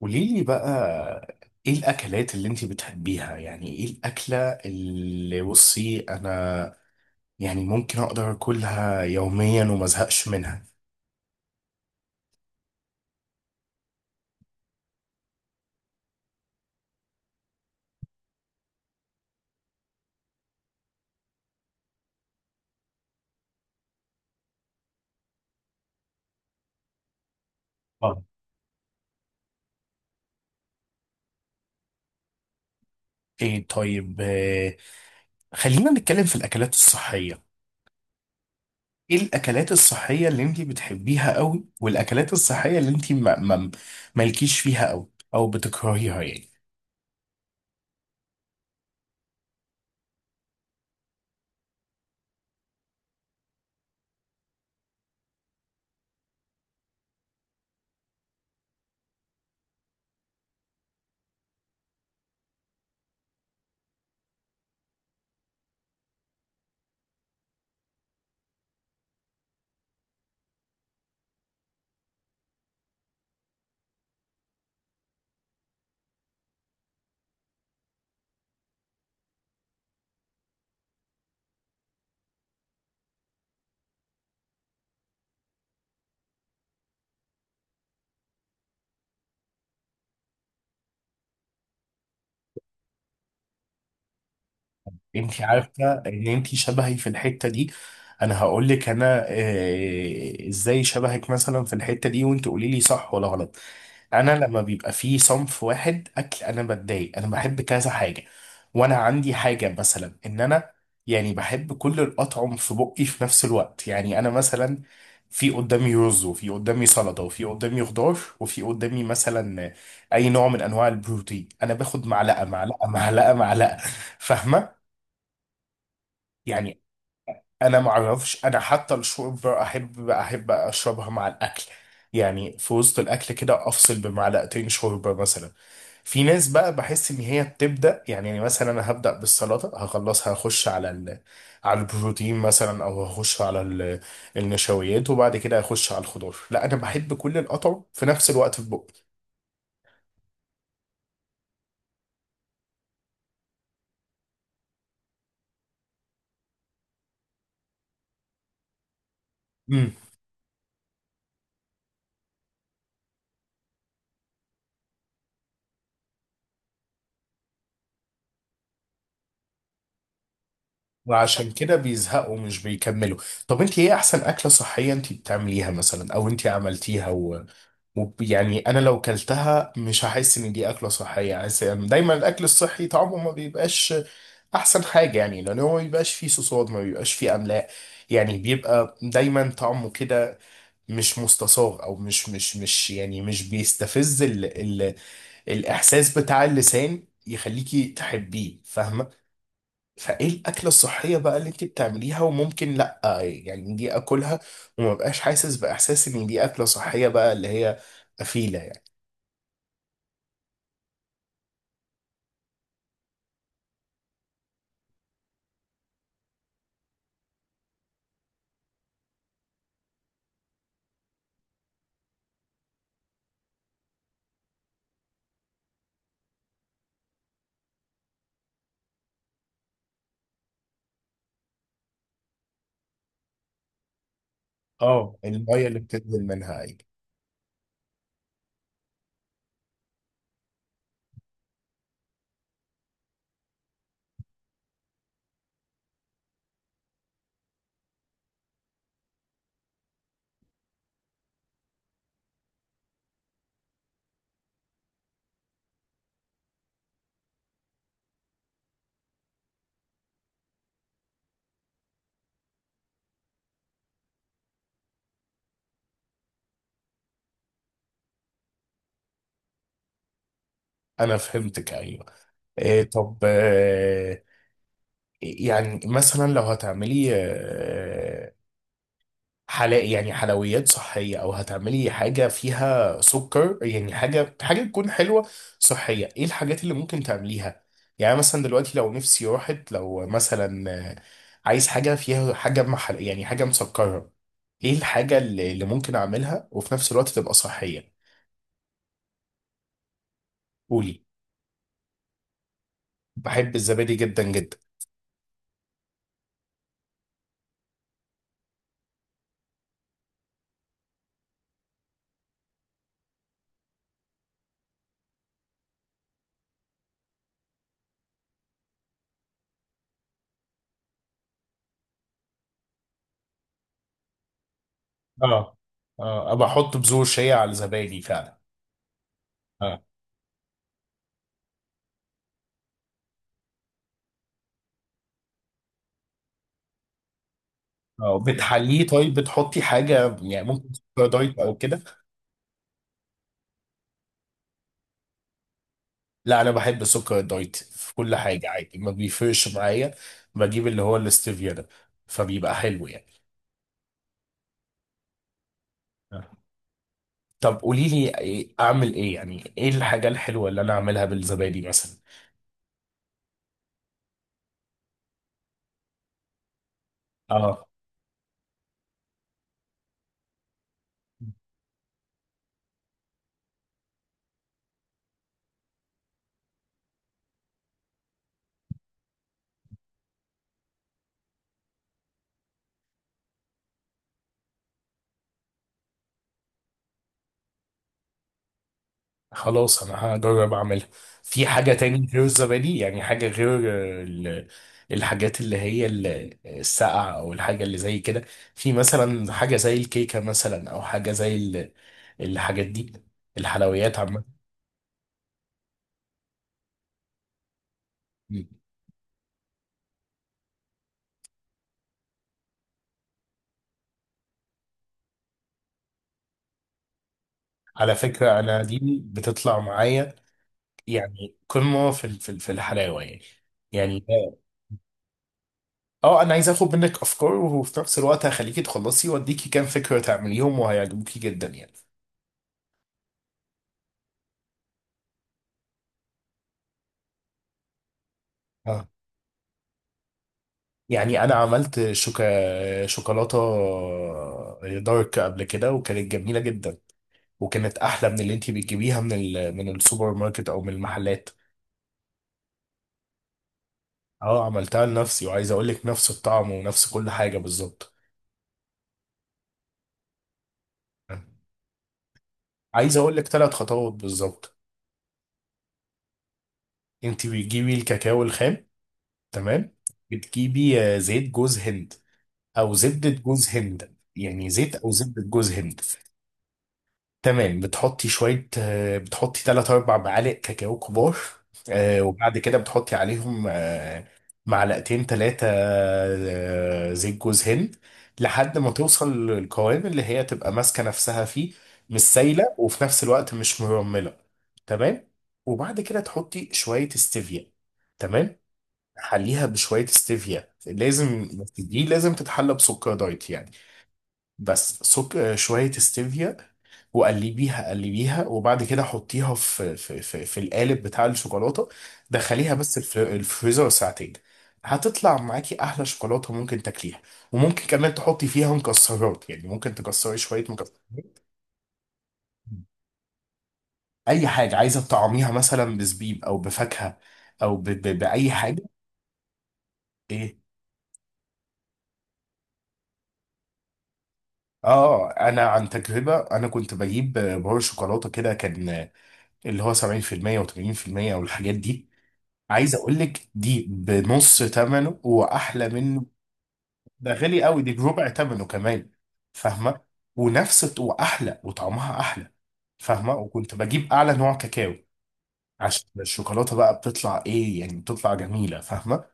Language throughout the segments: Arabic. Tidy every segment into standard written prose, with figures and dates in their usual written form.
قولي لي بقى، ايه الاكلات اللي انت بتحبيها؟ يعني ايه الاكله اللي بصي انا يعني ممكن اقدر اكلها يوميا وما ازهقش منها؟ آه. ايه طيب، خلينا نتكلم في الاكلات الصحيه. ايه الاكلات الصحيه اللي انت بتحبيها قوي، والاكلات الصحيه اللي انت ما مالكيش فيها قوي او بتكرهيها يعني؟ انت عارفه ان انت شبهي في الحته دي. انا هقول لك انا آه، ازاي شبهك مثلا في الحته دي وانت قولي لي صح ولا غلط. انا لما بيبقى في صنف واحد اكل انا بتضايق، انا بحب كذا حاجه. وانا عندي حاجه مثلا ان انا يعني بحب كل الاطعم في بقي في نفس الوقت. يعني انا مثلا في قدامي رز وفي قدامي سلطه وفي قدامي خضار وفي قدامي مثلا اي نوع من انواع البروتين، انا باخد معلقه معلقه معلقه معلقه، فاهمه يعني؟ انا ما اعرفش، انا حتى الشوربه احب اشربها مع الاكل، يعني في وسط الاكل كده افصل بمعلقتين شوربه مثلا. في ناس بقى بحس ان هي بتبدا، يعني مثلا انا هبدا بالسلطه هخلصها هخش على البروتين مثلا، او هخش على النشويات، وبعد كده هخش على الخضار. لا، انا بحب كل القطع في نفس الوقت في بقي. وعشان كده بيزهقوا مش بيكملوا. طب انت ايه احسن اكلة صحية انت بتعمليها مثلا او انت عملتيها يعني انا لو كلتها مش هحس ان دي اكله صحيه؟ عايز يعني، دايما الاكل الصحي طعمه ما بيبقاش احسن حاجه، يعني لان هو ما بيبقاش فيه صوصات، ما بيبقاش فيه املاح، يعني بيبقى دايما طعمه كده مش مستساغ، او مش مش مش يعني مش بيستفز ال ال الاحساس بتاع اللسان يخليكي تحبيه، فاهمه؟ فايه الاكله الصحيه بقى اللي انت بتعمليها وممكن لا يعني دي اكلها وما بقاش حاسس باحساس ان دي اكله صحيه بقى، اللي هي افيله يعني؟ اه، الميه اللي بتنزل منها، ايوه. انا فهمتك، ايوه. إيه طب، يعني مثلا لو هتعملي حلا، يعني حلويات صحية، أو هتعملي حاجة فيها سكر، يعني حاجة تكون حلوة صحية، إيه الحاجات اللي ممكن تعمليها؟ يعني مثلا دلوقتي لو نفسي راحت، لو مثلا عايز حاجة فيها حاجة محل، يعني حاجة مسكرة، إيه الحاجة اللي ممكن أعملها وفي نفس الوقت تبقى صحية؟ قولي. بحب الزبادي جدا جدا. اه. اه، أبقى أحط بذور شيا على الزبادي فعلا. اه. أه، بتحليه؟ طيب بتحطي حاجة، يعني ممكن سكر دايت أو كده؟ لا، انا بحب السكر الدايت في كل حاجه عادي ما بيفرقش معايا. بجيب اللي هو الاستيفيا ده، فبيبقى حلو يعني. طب قولي لي إيه- اعمل ايه، يعني ايه الحاجه الحلوه اللي انا اعملها بالزبادي مثلا؟ اه. خلاص انا هجرب اعملها. في حاجه تاني غير الزبادي؟ يعني حاجه غير آه، ال- الحاجات اللي هي الساقعه، او الحاجه اللي زي كده، في مثلا حاجه زي الكيكه مثلا، او حاجه زي الحاجات دي، الحلويات عامه. على فكرة أنا دي بتطلع معايا، يعني قمة في الحلاوة يعني. يعني. اه، أنا عايز آخد منك أفكار، وفي نفس الوقت هخليكي تخلصي وأديكي كام فكرة تعمليهم وهيعجبوكي جدا يعني. اه. يعني أنا عملت شوكولاتة دارك قبل كده وكانت جميلة جدا، وكانت أحلى من اللي أنتي بتجيبيها من ال من السوبر ماركت أو من المحلات. اه، عملتها لنفسي، وعايز أقول لك نفس الطعم ونفس كل حاجة بالظبط. عايز اقول لك ثلاث خطوات بالظبط. انت بتجيبي الكاكاو الخام، تمام. بتجيبي زيت جوز هند او زبدة جوز هند، يعني زيت او زبدة جوز هند. تمام، بتحطي شوية، بتحطي 3 4 معالق كاكاو كبار، وبعد كده بتحطي عليهم معلقتين ثلاثة زيت جوز هند، لحد ما توصل للقوام اللي هي تبقى ماسكة نفسها فيه، مش سايلة وفي نفس الوقت مش مرملة. تمام. وبعد كده تحطي شوية استevia، تمام. حليها بشوية ستيفيا لازم. دي لازم تتحلى بسكر دايت يعني. بس سك... آه، شوية ستيفيا، وقلبيها قلبيها، وبعد كده حطيها في القالب بتاع الشوكولاتة. دخليها بس الفريزر ساعتين، هتطلع معاكي أحلى شوكولاتة ممكن تاكليها. وممكن كمان تحطي فيها مكسرات، يعني ممكن تكسري شوية مكسرات. أي حاجة عايزة تطعميها، مثلا بزبيب أو بفاكهة أو بأي حاجة. إيه؟ اه، انا عن تجربه انا كنت بجيب بار شوكولاته كده كان اللي هو 70% و80% او الحاجات دي. عايز اقول لك دي بنص ثمنه واحلى منه. ده غالي قوي، دي بربع ثمنه كمان، فاهمه؟ ونفس واحلى، وطعمها احلى، فاهمه؟ وكنت بجيب اعلى نوع كاكاو عشان الشوكولاته بقى بتطلع ايه، يعني بتطلع جميله، فاهمه؟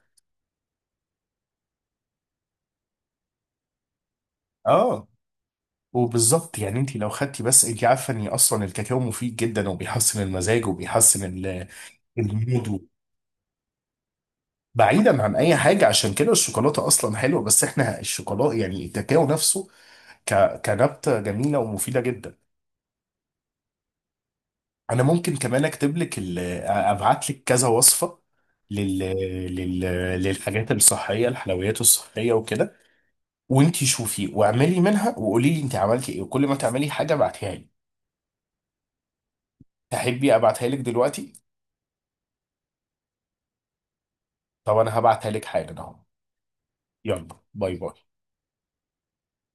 اه. وبالظبط، يعني انت لو خدتي بس، انت عارفه ان اصلا الكاكاو مفيد جدا وبيحسن المزاج وبيحسن الهدوء، بعيدا عن اي حاجه، عشان كده الشوكولاته اصلا حلوه. بس احنا الشوكولاته يعني الكاكاو نفسه، ك... كنبته جميله ومفيده جدا. انا ممكن كمان اكتب لك ابعت لك كذا وصفه لل... لل... للحاجات الصحيه، الحلويات الصحيه وكده، وانتي شوفي واعملي منها وقولي لي انت عملتي ايه، وكل ما تعملي حاجه ابعتيها لي. تحبي ابعتها لك دلوقتي؟ طب انا هبعتها لك حالا اهو. يلا، باي باي.